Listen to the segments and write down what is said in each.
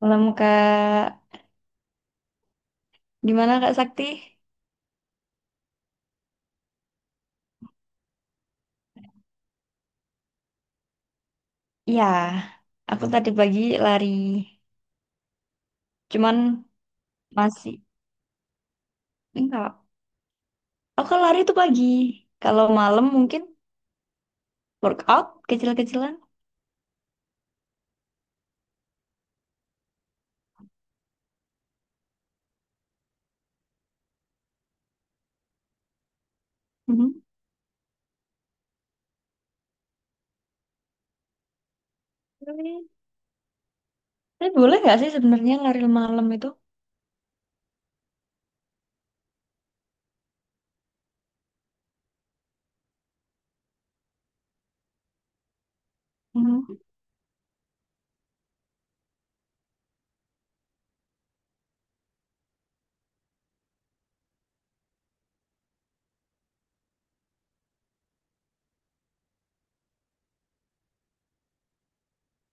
Malam Kak, gimana Kak Sakti? Ya, aku tadi pagi lari, cuman masih enggak. Aku kalau lari itu pagi, kalau malam mungkin workout kecil-kecilan. Mhm. Tapi tapi boleh nggak sih sebenarnya lari malam itu? Mhm.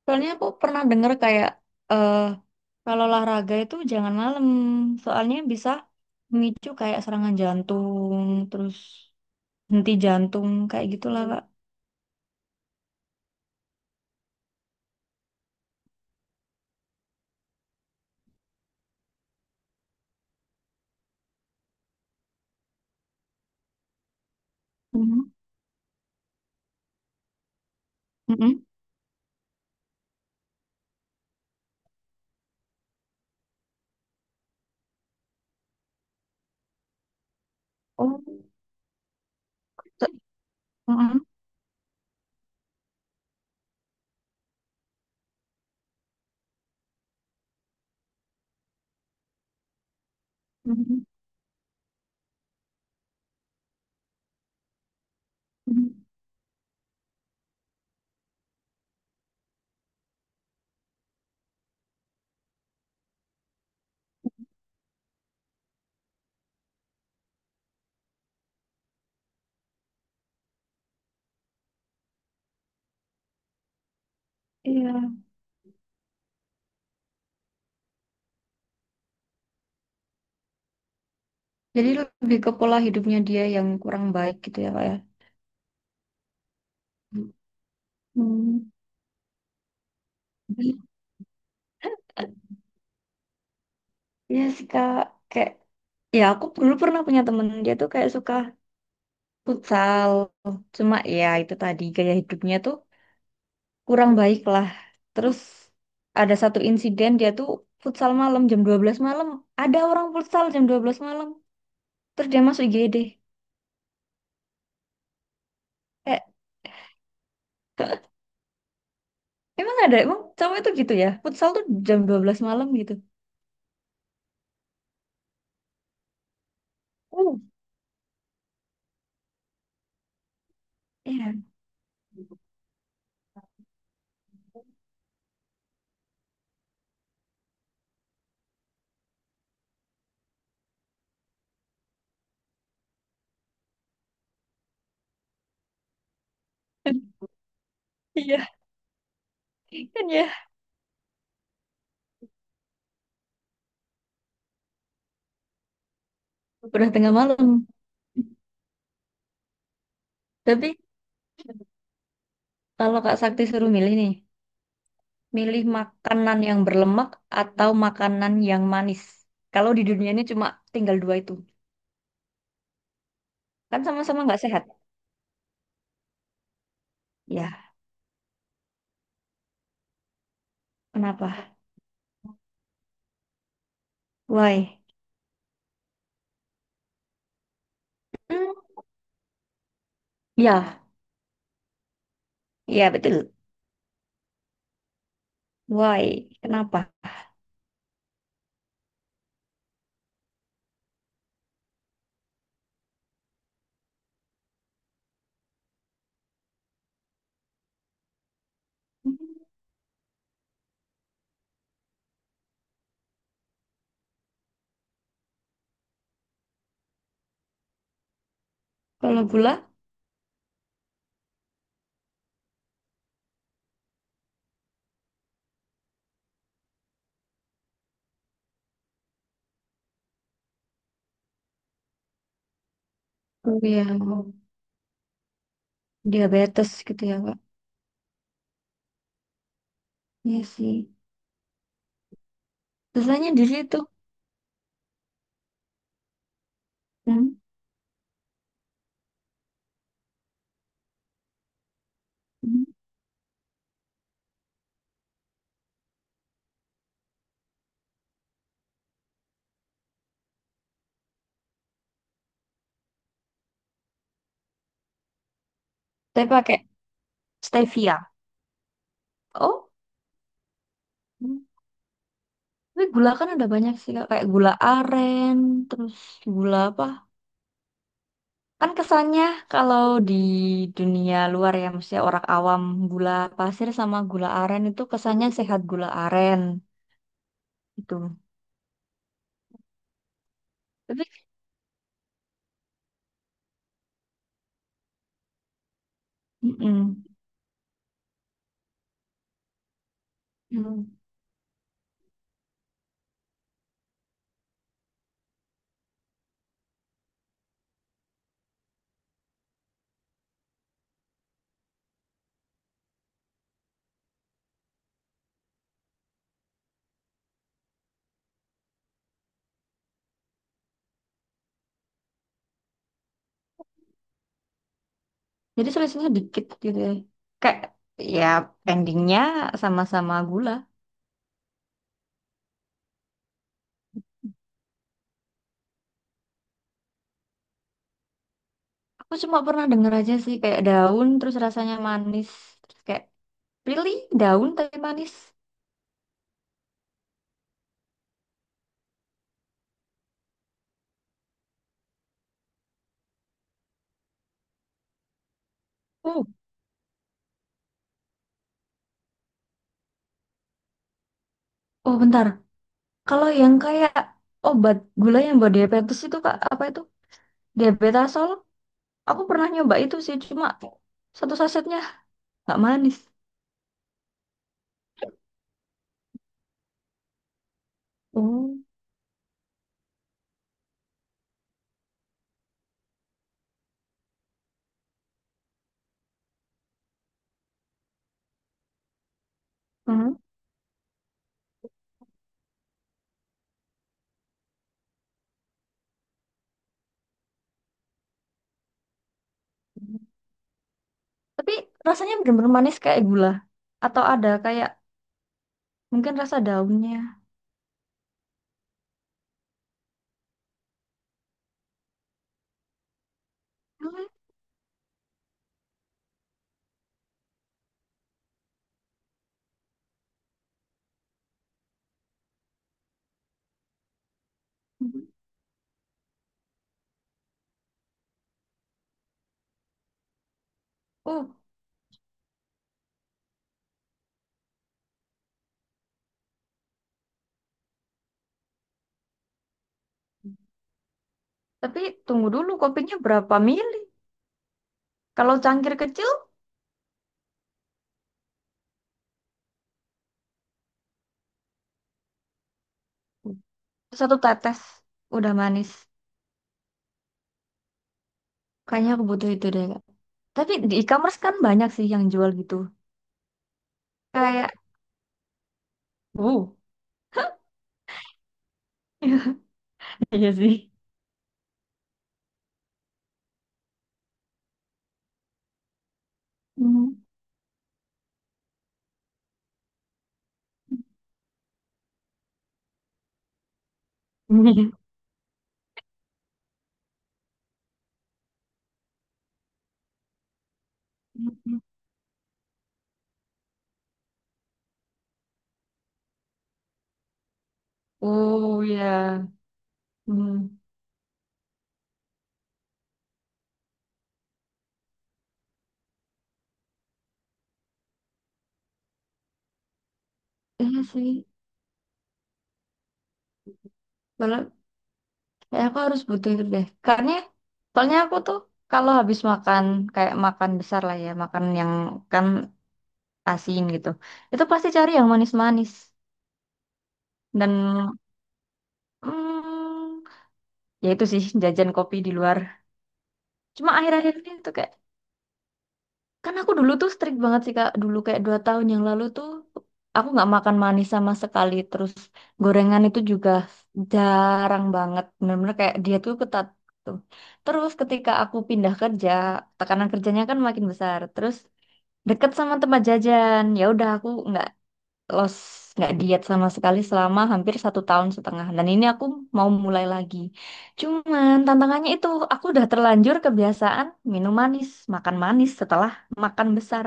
Soalnya aku pernah dengar kayak eh kalau olahraga itu jangan malam, soalnya bisa memicu kayak serangan jantung, terus henti jantung kayak gitulah Kak. Mhm. Mhm. Oh. Mm-mm, mm-mm, mm-mm. Iya. Jadi lebih ke pola hidupnya dia yang kurang baik gitu ya, Kak ya. Hmm. Iya sih, Kak. Kayak ya aku dulu pernah punya temen dia tuh kayak suka futsal. Cuma ya itu tadi gaya hidupnya tuh kurang baik lah. Terus ada satu insiden dia tuh futsal malam jam 12 malam. Ada orang futsal jam 12 malam. Terus dia masuk IGD. Kayak, emang ada, emang cowok itu gitu ya? Futsal tuh jam 12 malam gitu. Uh. Iya. Iya, kan ya. Udah tengah malam. Tapi kalau Kak Sakti suruh milih nih, milih makanan yang berlemak atau makanan yang manis. Kalau di dunia ini cuma tinggal dua itu. Kan sama-sama nggak sehat. Ya, kenapa? Why? Hmm, ya, ya betul. Why? Kenapa? Hmm, kalau gula, oh ya, diabetes gitu ya, Kak. Iya sih. Susahnya di situ. Hmm. Hmm. Saya pakai stevia. Oh. Hmm. Tapi gula kan ada banyak sih Kak. Kayak gula aren, terus gula apa? Kan kesannya kalau di dunia luar ya, maksudnya orang awam gula pasir sama gula aren itu kesannya sehat, gula aren itu. Tapi mm-mm. Mm. Jadi selisihnya dikit gitu ya. Kayak ya endingnya sama-sama gula. Aku cuma pernah denger aja sih kayak daun terus rasanya manis. Terus kayak pilih daun tapi manis. Oh, oh bentar. Kalau yang kayak obat gula yang buat diabetes itu Kak, apa itu? Diabetasol. Aku pernah nyoba itu sih, cuma satu sasetnya nggak manis. Oh. Mhm. Tapi rasanya bener-bener manis kayak gula. Atau ada kayak mungkin rasa daunnya. Boleh. Mhm. Uh, tapi tunggu dulu, kopinya berapa mili? Kalau cangkir kecil satu tetes udah manis. Kayaknya aku butuh itu deh, Kak. Tapi di e-commerce kan banyak sih yang jual gitu. Kayak, uh, iya sih. Mmm. Oh, ya. Mhm. Iya sih, soalnya kayak aku harus butuh itu deh. Karena soalnya aku tuh kalau habis makan kayak makan besar lah ya, makan yang kan asin gitu. Itu pasti cari yang manis-manis, dan mm, ya itu sih jajan kopi di luar. Cuma akhir-akhir ini tuh kayak. Kan aku dulu tuh strict banget sih Kak. Dulu kayak 2 tahun yang lalu tuh aku nggak makan manis sama sekali. Terus gorengan itu juga jarang banget. Bener-bener kayak dia tuh ketat tuh. Terus ketika aku pindah kerja, tekanan kerjanya kan makin besar. Terus deket sama tempat jajan. Ya udah, aku nggak los, nggak diet sama sekali selama hampir satu tahun setengah, dan ini aku mau mulai lagi, cuman tantangannya itu aku udah terlanjur kebiasaan minum manis, makan manis setelah makan besar.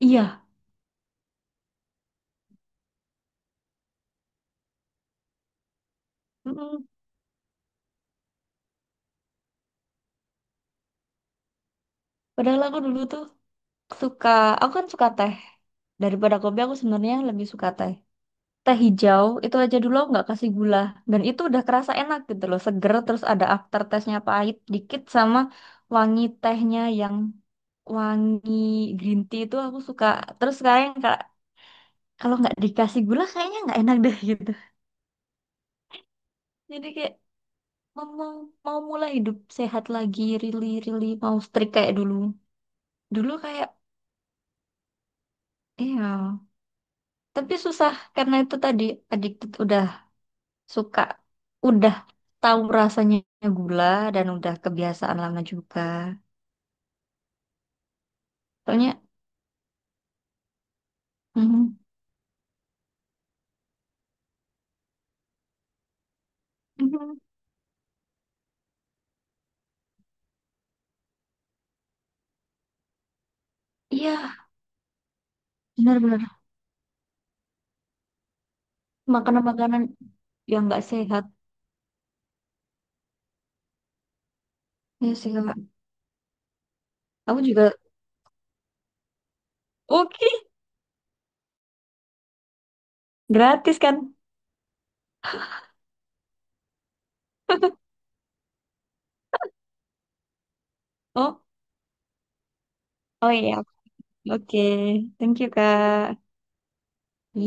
Iya. Mm-mm. Padahal aku dulu tuh suka, aku kan suka teh, daripada kopi aku sebenarnya lebih suka teh teh hijau itu aja dulu aku nggak kasih gula, dan itu udah kerasa enak gitu loh, seger, terus ada aftertaste-nya pahit dikit, sama wangi tehnya yang wangi, green tea itu aku suka. Terus sekarang kalau nggak dikasih gula kayaknya nggak enak deh, gitu, jadi kayak mau, mau mau mulai hidup sehat lagi, really really mau strict kayak dulu dulu kayak iya tapi susah karena itu tadi, addicted, udah suka, udah tahu rasanya gula, dan udah kebiasaan lama juga soalnya. mm, iya, benar-benar makanan-makanan yang nggak sehat, ya sih Kak. Aku juga. Oke. Gratis kan? Oh, oh iya. Oke, thank you Kak. Iya.